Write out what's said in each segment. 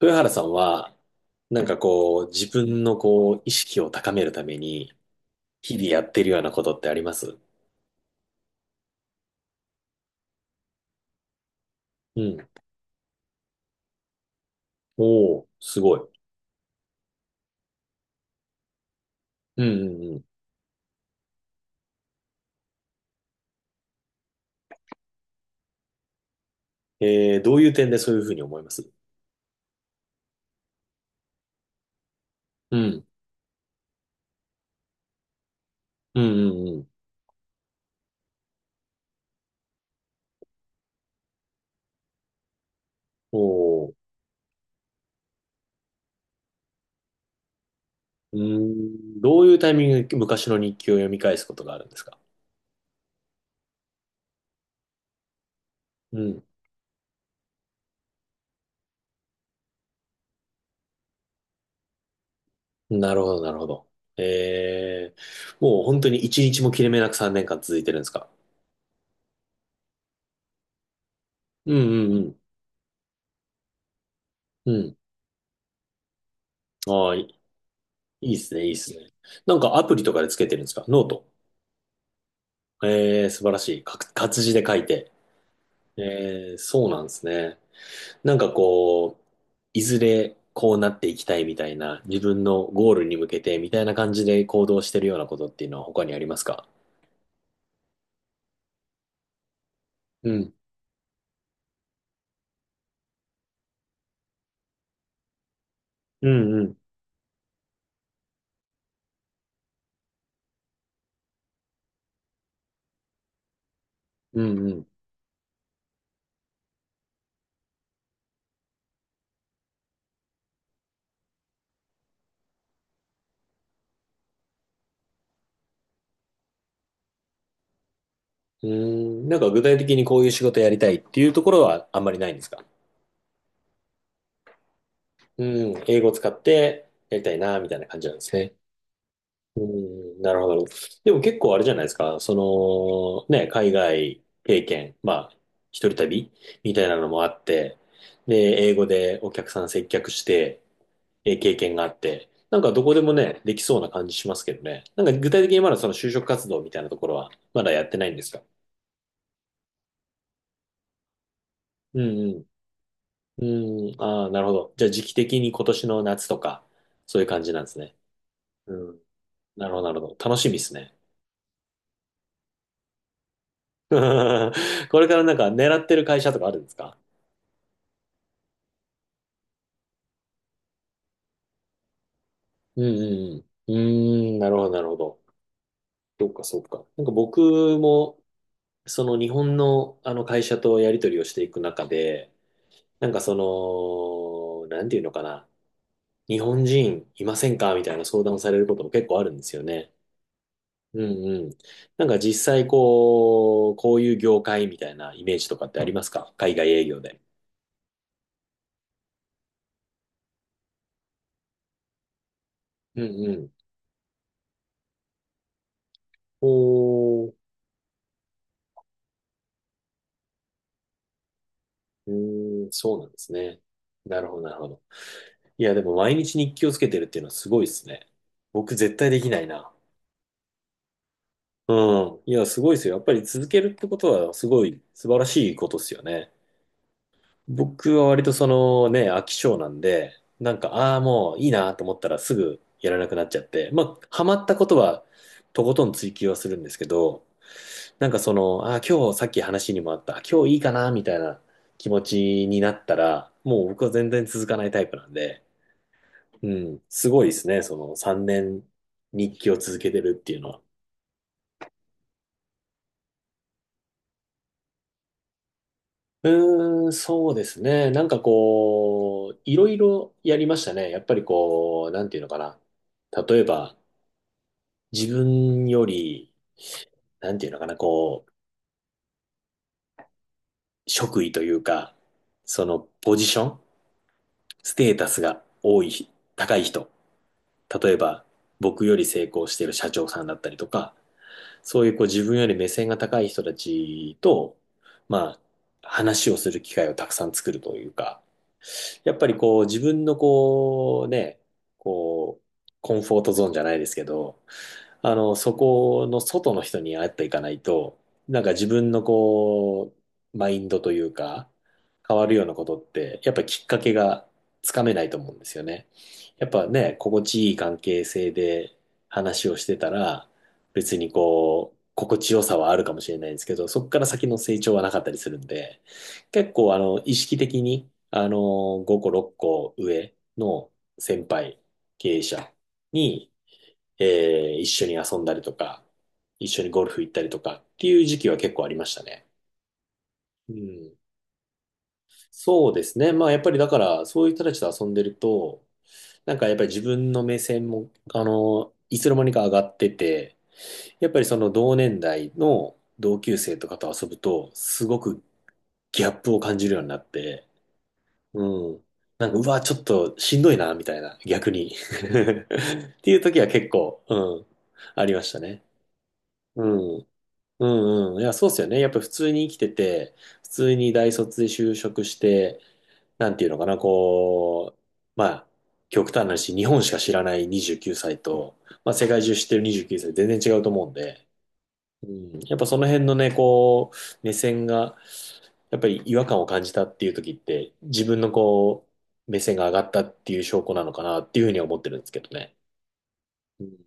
豊原さんは、なんかこう、自分のこう、意識を高めるために、日々やってるようなことってあります？うん。おお、すごい。うんうんうん。どういう点でそういうふうに思います？うん。うんうんうん。おお、うーん。どういうタイミングで昔の日記を読み返すことがあるんですか？うん。なるほど、なるほど。もう本当に一日も切れ目なく3年間続いてるんですか？うんうんうん。うん。ああ、いいっすね、いいっすね。なんかアプリとかでつけてるんですか？ノート。素晴らしい。か活字で書いて。そうなんですね。なんかこう、いずれこうなっていきたいみたいな、自分のゴールに向けてみたいな感じで行動してるようなことっていうのは他にありますか？うん。うんうん。うんうん。うーん、なんか具体的にこういう仕事やりたいっていうところはあんまりないんですか？うん、英語使ってやりたいな、みたいな感じなんですね。うん、なるほど。なるほど。でも結構あれじゃないですか。その、ね、海外経験、まあ、一人旅みたいなのもあって、で、英語でお客さん接客して、経験があって、なんかどこでもね、できそうな感じしますけどね。なんか具体的にまだその就職活動みたいなところは、まだやってないんですか？うんうん。うん、ああ、なるほど。じゃあ時期的に今年の夏とか、そういう感じなんですね。うん。なるほど、なるほど。楽しみですね。これからなんか狙ってる会社とかあるんですか？うんうんうん。うーん、なるほど、なるほど。そっか、そっか。なんか僕も、その日本のあの会社とやり取りをしていく中で、なんかその、なんていうのかな。日本人いませんかみたいな相談をされることも結構あるんですよね。うんうん。なんか実際こう、こういう業界みたいなイメージとかってありますか、海外営業で？うんうん。おー、うーん、そうなんですね。なるほど、なるほど。いや、でも毎日日記をつけてるっていうのはすごいですね。僕絶対できないな。うん。いや、すごいですよ。やっぱり続けるってことはすごい素晴らしいことですよね。僕は割とそのね、飽き性なんで、なんか、ああ、もういいなと思ったらすぐやらなくなっちゃって、まあ、ハマったことはとことん追求はするんですけど、なんかその、ああ、今日さっき話にもあった、今日いいかなみたいな気持ちになったら、もう僕は全然続かないタイプなんで、うん、すごいですね。その3年日記を続けてるっていうのは。うーん、そうですね。なんかこう、いろいろやりましたね。やっぱりこう、なんていうのかな。例えば、自分より、なんていうのかな、こう、職位というか、そのポジション、ステータスが多い、高い人。例えば、僕より成功してる社長さんだったりとか、そういうこう自分より目線が高い人たちと、まあ、話をする機会をたくさん作るというか、やっぱりこう、自分のこう、ね、こう、コンフォートゾーンじゃないですけど、あの、そこの外の人に会っていかないと、なんか自分のこう、マインドというか、変わるようなことって、やっぱりきっかけがつかめないと思うんですよね。やっぱね、心地いい関係性で話をしてたら、別にこう、心地よさはあるかもしれないんですけど、そこから先の成長はなかったりするんで、結構あの、意識的に、あの、5個、6個上の先輩、経営者に、え一緒に遊んだりとか、一緒にゴルフ行ったりとかっていう時期は結構ありましたね。うん。そうですね。まあやっぱりだから、そういう人たちと遊んでると、なんかやっぱり自分の目線も、あの、いつの間にか上がってて、やっぱりその同年代の同級生とかと遊ぶと、すごくギャップを感じるようになって、うん。なんか、うわ、ちょっとしんどいな、みたいな、逆に。っていう時は結構、うん、ありましたね。うん。うんうん。いや、そうっすよね。やっぱ普通に生きてて、普通に大卒で就職して、なんていうのかな、こう、まあ、極端な話、日本しか知らない29歳と、まあ、世界中知ってる29歳、全然違うと思うんで、うん、やっぱその辺のね、こう、目線が、やっぱり違和感を感じたっていう時って、自分のこう、目線が上がったっていう証拠なのかなっていうふうには思ってるんですけどね。うん、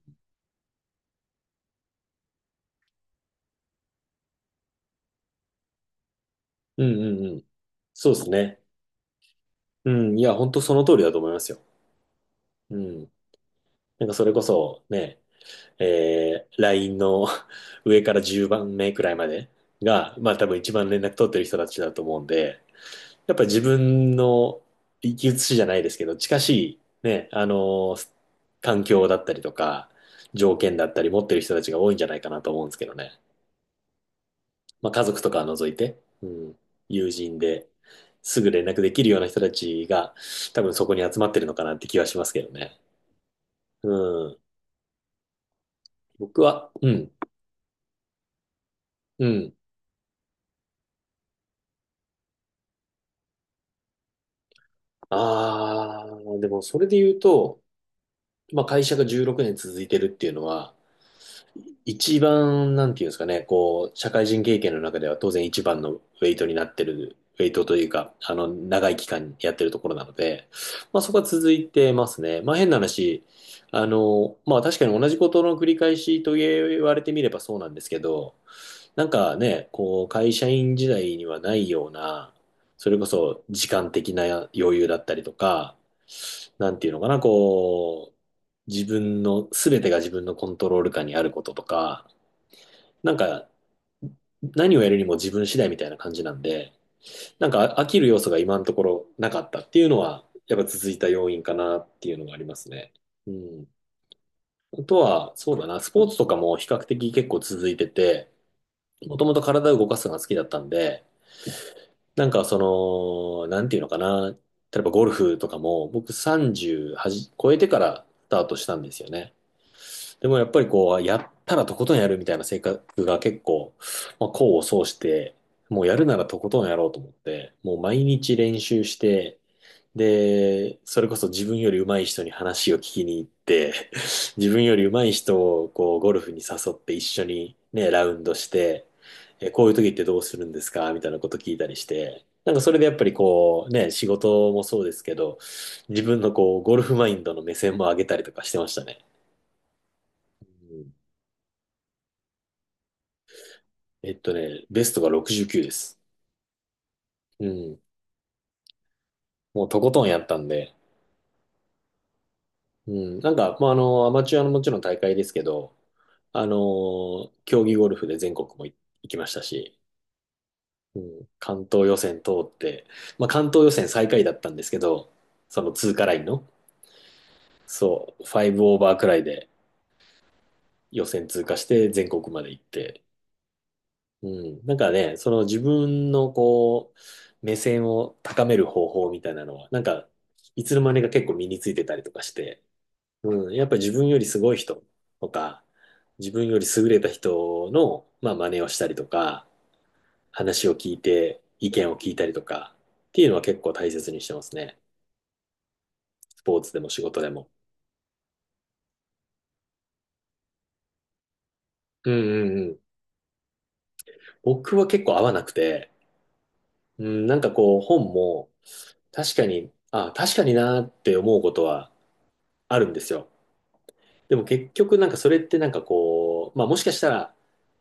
うんうんうん。そうですね。うん。いや、本当その通りだと思いますよ。うん。なんかそれこそ、ね、LINE の 上から10番目くらいまでが、まあ多分一番連絡取ってる人たちだと思うんで、やっぱり自分の生き写しじゃないですけど、近しいね、あの、環境だったりとか、条件だったり持ってる人たちが多いんじゃないかなと思うんですけどね。まあ家族とかは除いて、うん、友人ですぐ連絡できるような人たちが多分そこに集まってるのかなって気はしますけどね。うん。僕は、うん、うん。ああ、でもそれで言うと、まあ会社が16年続いてるっていうのは、一番、なんていうんですかね、こう、社会人経験の中では当然一番のウェイトになってる、ウェイトというか、あの、長い期間やってるところなので、まあそこは続いてますね。まあ変な話、あの、まあ確かに同じことの繰り返しと言われてみればそうなんですけど、なんかね、こう、会社員時代にはないような、それこそ時間的な余裕だったりとか、なんていうのかな、こう、自分の、すべてが自分のコントロール下にあることとか、なんか、何をやるにも自分次第みたいな感じなんで、なんか飽きる要素が今のところなかったっていうのは、やっぱ続いた要因かなっていうのがありますね。うん。あとは、そうだな、スポーツとかも比較的結構続いてて、もともと体を動かすのが好きだったんで、なんかその、なんていうのかな、例えばゴルフとかも僕30はじ超えてからスタートしたんですよね。でもやっぱりこう、やったらとことんやるみたいな性格が結構、まあ、功を奏して、もうやるならとことんやろうと思って、もう毎日練習して、で、それこそ自分より上手い人に話を聞きに行って、自分より上手い人をこうゴルフに誘って一緒にね、ラウンドして、え、こういう時ってどうするんですかみたいなこと聞いたりして、なんかそれでやっぱりこうね、仕事もそうですけど、自分のこうゴルフマインドの目線も上げたりとかしてましたね。うん。ベストが69です。うん。もうとことんやったんで。うん。なんか、まあ、あの、アマチュアのもちろん大会ですけど、あの、競技ゴルフで全国もい行きましたし、うん。関東予選通って、まあ、関東予選最下位だったんですけど、その通過ラインの、そう、5オーバーくらいで予選通過して全国まで行って、うん。なんかね、その自分のこう、目線を高める方法みたいなのは、なんか、いつの間にか結構身についてたりとかして、うん。やっぱ自分よりすごい人とか、自分より優れた人の、まあ、真似をしたりとか、話を聞いて、意見を聞いたりとか、っていうのは結構大切にしてますね。スポーツでも仕事でも。うんうんうん。僕は結構合わなくて、うん、なんかこう本も確かに、あ、確かになーって思うことはあるんですよ。でも結局なんかそれってなんかこう、まあもしかしたら、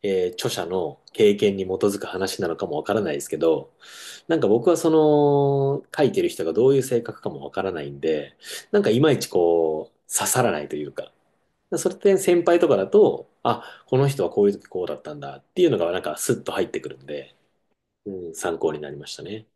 著者の経験に基づく話なのかもわからないですけど、なんか僕はその書いてる人がどういう性格かもわからないんで、なんかいまいちこう刺さらないというか、それって先輩とかだと、あ、この人はこういう時こうだったんだっていうのがなんかスッと入ってくるんで、うん、参考になりましたね。